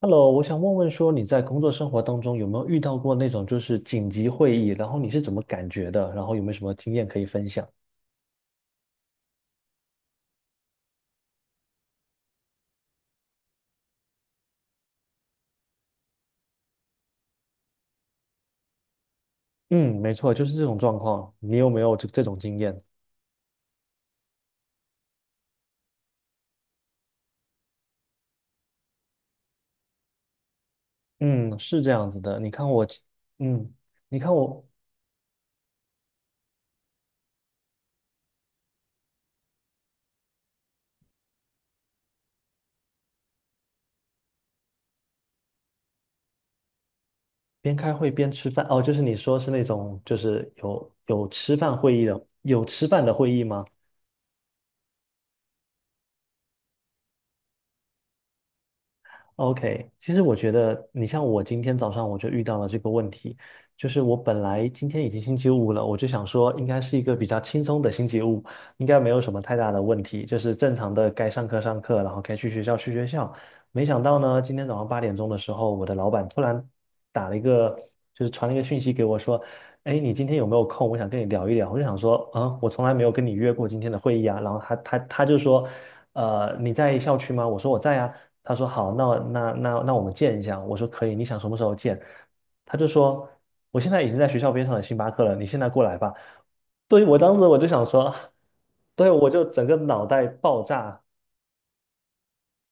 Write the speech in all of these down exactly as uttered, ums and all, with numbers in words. Hello，我想问问说你在工作生活当中有没有遇到过那种就是紧急会议，然后你是怎么感觉的？然后有没有什么经验可以分享？嗯，没错，就是这种状况。你有没有这这种经验？嗯，是这样子的。你看我，嗯，你看我边开会边吃饭。哦，就是你说是那种就是有有吃饭会议的，有吃饭的会议吗？OK,其实我觉得你像我今天早上我就遇到了这个问题，就是我本来今天已经星期五了，我就想说应该是一个比较轻松的星期五，应该没有什么太大的问题，就是正常的该上课上课，然后该去学校去学校。没想到呢，今天早上八点钟的时候，我的老板突然打了一个，就是传了一个讯息给我说，哎，你今天有没有空？我想跟你聊一聊。我就想说，啊、我从来没有跟你约过今天的会议啊。然后他他他就说，呃，你在校区吗？我说我在啊。他说好，那那那那我们见一下。我说可以，你想什么时候见？他就说，我现在已经在学校边上的星巴克了，你现在过来吧。对，我当时我就想说，对，我就整个脑袋爆炸，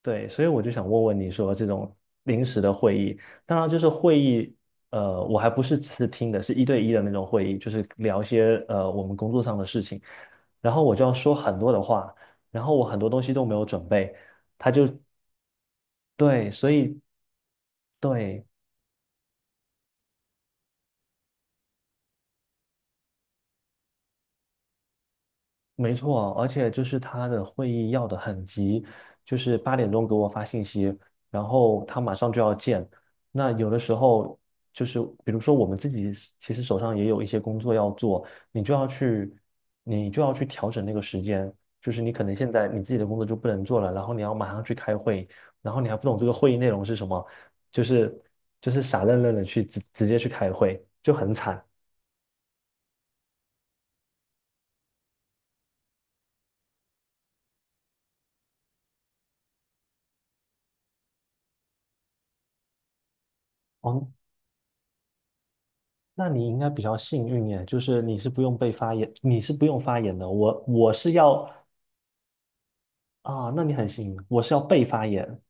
对，所以我就想问问你说，这种临时的会议，当然就是会议，呃，我还不是只是听的，是一对一的那种会议，就是聊一些呃我们工作上的事情，然后我就要说很多的话，然后我很多东西都没有准备，他就对，所以对，没错，而且就是他的会议要的很急，就是八点钟给我发信息，然后他马上就要见。那有的时候就是比如说我们自己是其实手上也有一些工作要做，你就要去你就要去调整那个时间，就是你可能现在你自己的工作就不能做了，然后你要马上去开会，然后你还不懂这个会议内容是什么，就是就是傻愣愣的去直直接去开会，就很惨。哦，那你应该比较幸运耶，就是你是不用被发言，你是不用发言的。我我是要啊，那你很幸运，我是要被发言。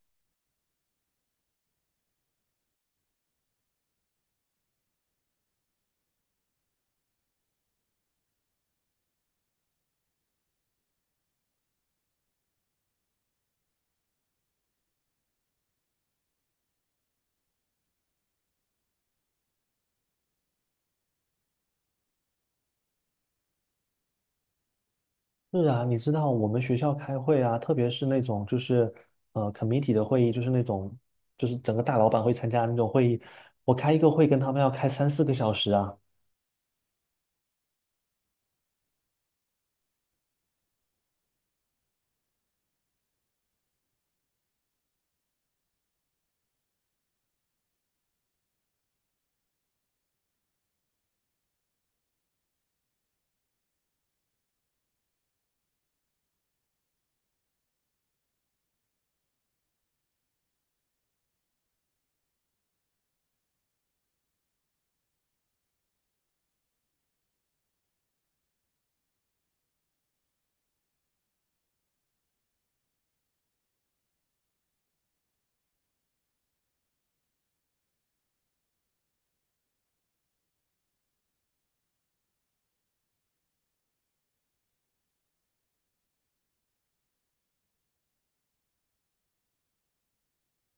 是啊，你知道我们学校开会啊，特别是那种就是呃 committee 的会议，就是那种就是整个大老板会参加的那种会议，我开一个会跟他们要开三四个小时啊。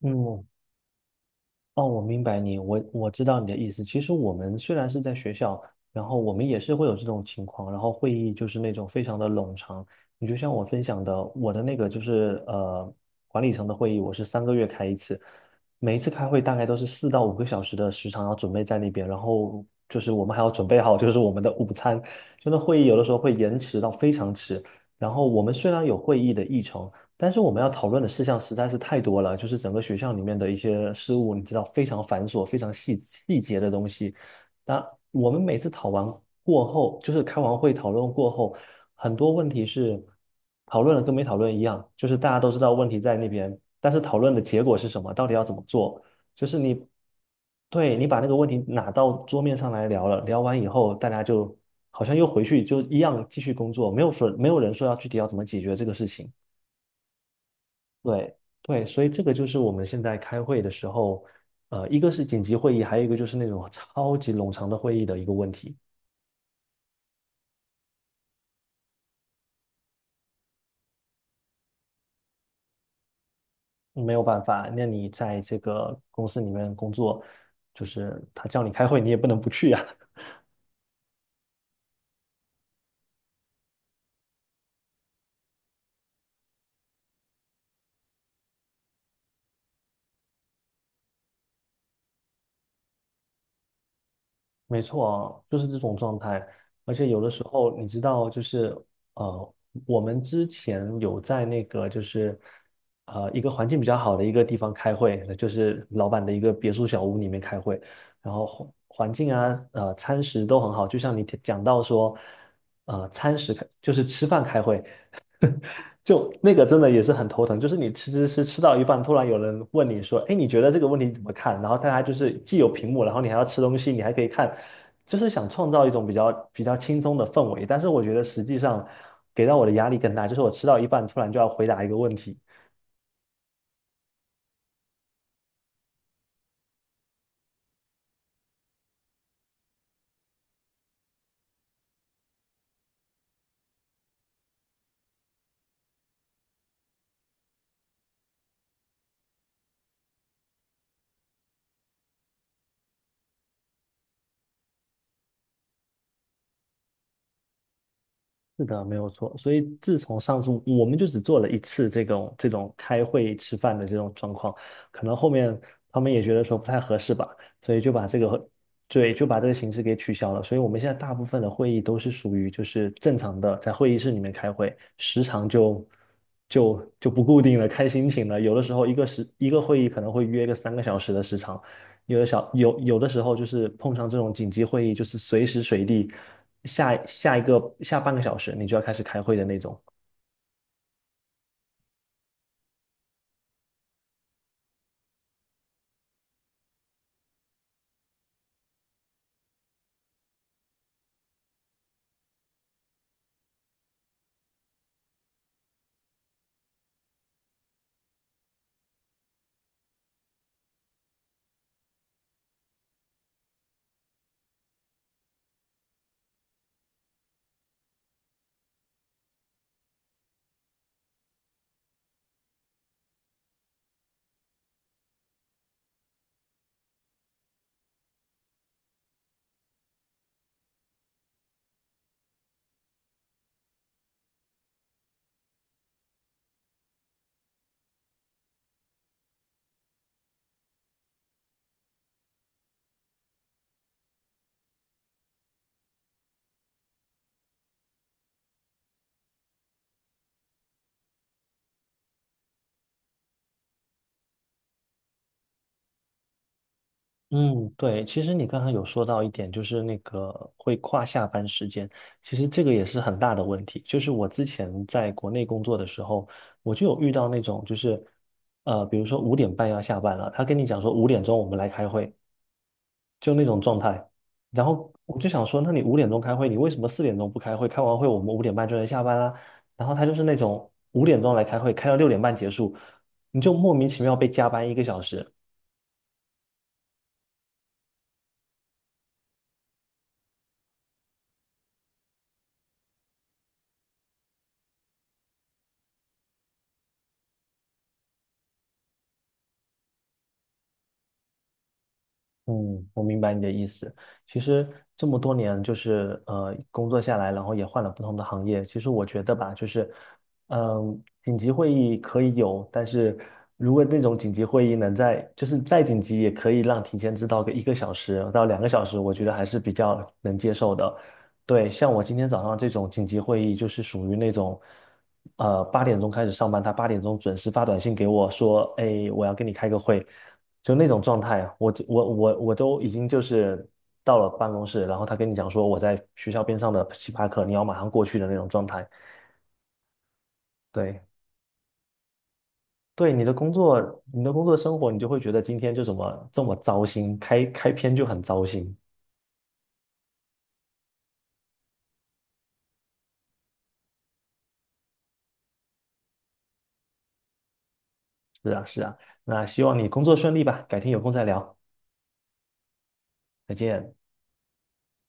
嗯，哦，我明白你，我我知道你的意思。其实我们虽然是在学校，然后我们也是会有这种情况，然后会议就是那种非常的冗长。你就像我分享的，我的那个就是呃管理层的会议，我是三个月开一次，每一次开会大概都是四到五个小时的时长要准备在那边，然后就是我们还要准备好就是我们的午餐，就那会议有的时候会延迟到非常迟。然后我们虽然有会议的议程。但是我们要讨论的事项实在是太多了，就是整个学校里面的一些事务，你知道非常繁琐、非常细细节的东西。那我们每次讨完过后，就是开完会讨论过后，很多问题是讨论了跟没讨论一样，就是大家都知道问题在那边，但是讨论的结果是什么，到底要怎么做，就是你，对，你把那个问题拿到桌面上来聊了，聊完以后，大家就好像又回去就一样继续工作，没有说没有人说要具体要怎么解决这个事情。对对，所以这个就是我们现在开会的时候，呃，一个是紧急会议，还有一个就是那种超级冗长的会议的一个问题。没有办法，那你在这个公司里面工作，就是他叫你开会，你也不能不去呀、没错啊，就是这种状态。而且有的时候，你知道，就是呃，我们之前有在那个就是呃一个环境比较好的一个地方开会，就是老板的一个别墅小屋里面开会，然后环环境啊，呃，餐食都很好。就像你提讲到说，呃，餐食开就是吃饭开会，就那个真的也是很头疼，就是你吃吃吃吃到一半，突然有人问你说："哎，你觉得这个问题怎么看？"然后大家就是既有屏幕，然后你还要吃东西，你还可以看，就是想创造一种比较比较轻松的氛围。但是我觉得实际上给到我的压力更大，就是我吃到一半突然就要回答一个问题，是的，没有错。所以自从上次我们就只做了一次这种这种开会吃饭的这种状况，可能后面他们也觉得说不太合适吧，所以就把这个对就把这个形式给取消了。所以我们现在大部分的会议都是属于就是正常的在会议室里面开会，时长就就就不固定了，看心情了。有的时候一个时一个会议可能会约个三个小时的时长，有的小有有的时候就是碰上这种紧急会议，就是随时随地下下一个下半个小时你就要开始开会的那种。嗯，对，其实你刚才有说到一点，就是那个会跨下班时间，其实这个也是很大的问题。就是我之前在国内工作的时候，我就有遇到那种，就是呃，比如说五点半要下班了，他跟你讲说五点钟我们来开会，就那种状态。然后我就想说，那你五点钟开会，你为什么四点钟不开会？开完会我们五点半就能下班啦。然后他就是那种五点钟来开会，开到六点半结束，你就莫名其妙被加班一个小时。嗯，我明白你的意思。其实这么多年，就是呃，工作下来，然后也换了不同的行业。其实我觉得吧，就是，嗯、紧急会议可以有，但是如果那种紧急会议能在，就是再紧急，也可以让提前知道个一个小时到两个小时，我觉得还是比较能接受的。对，像我今天早上这种紧急会议，就是属于那种，呃，八点钟开始上班，他八点钟准时发短信给我说，哎，我要跟你开个会，就那种状态啊，我我我我都已经就是到了办公室，然后他跟你讲说我在学校边上的星巴克，你要马上过去的那种状态。对，对，你的工作，你的工作生活，你就会觉得今天就怎么这么糟心，开开篇就很糟心。是啊，是啊，那希望你工作顺利吧，改天有空再聊，再见。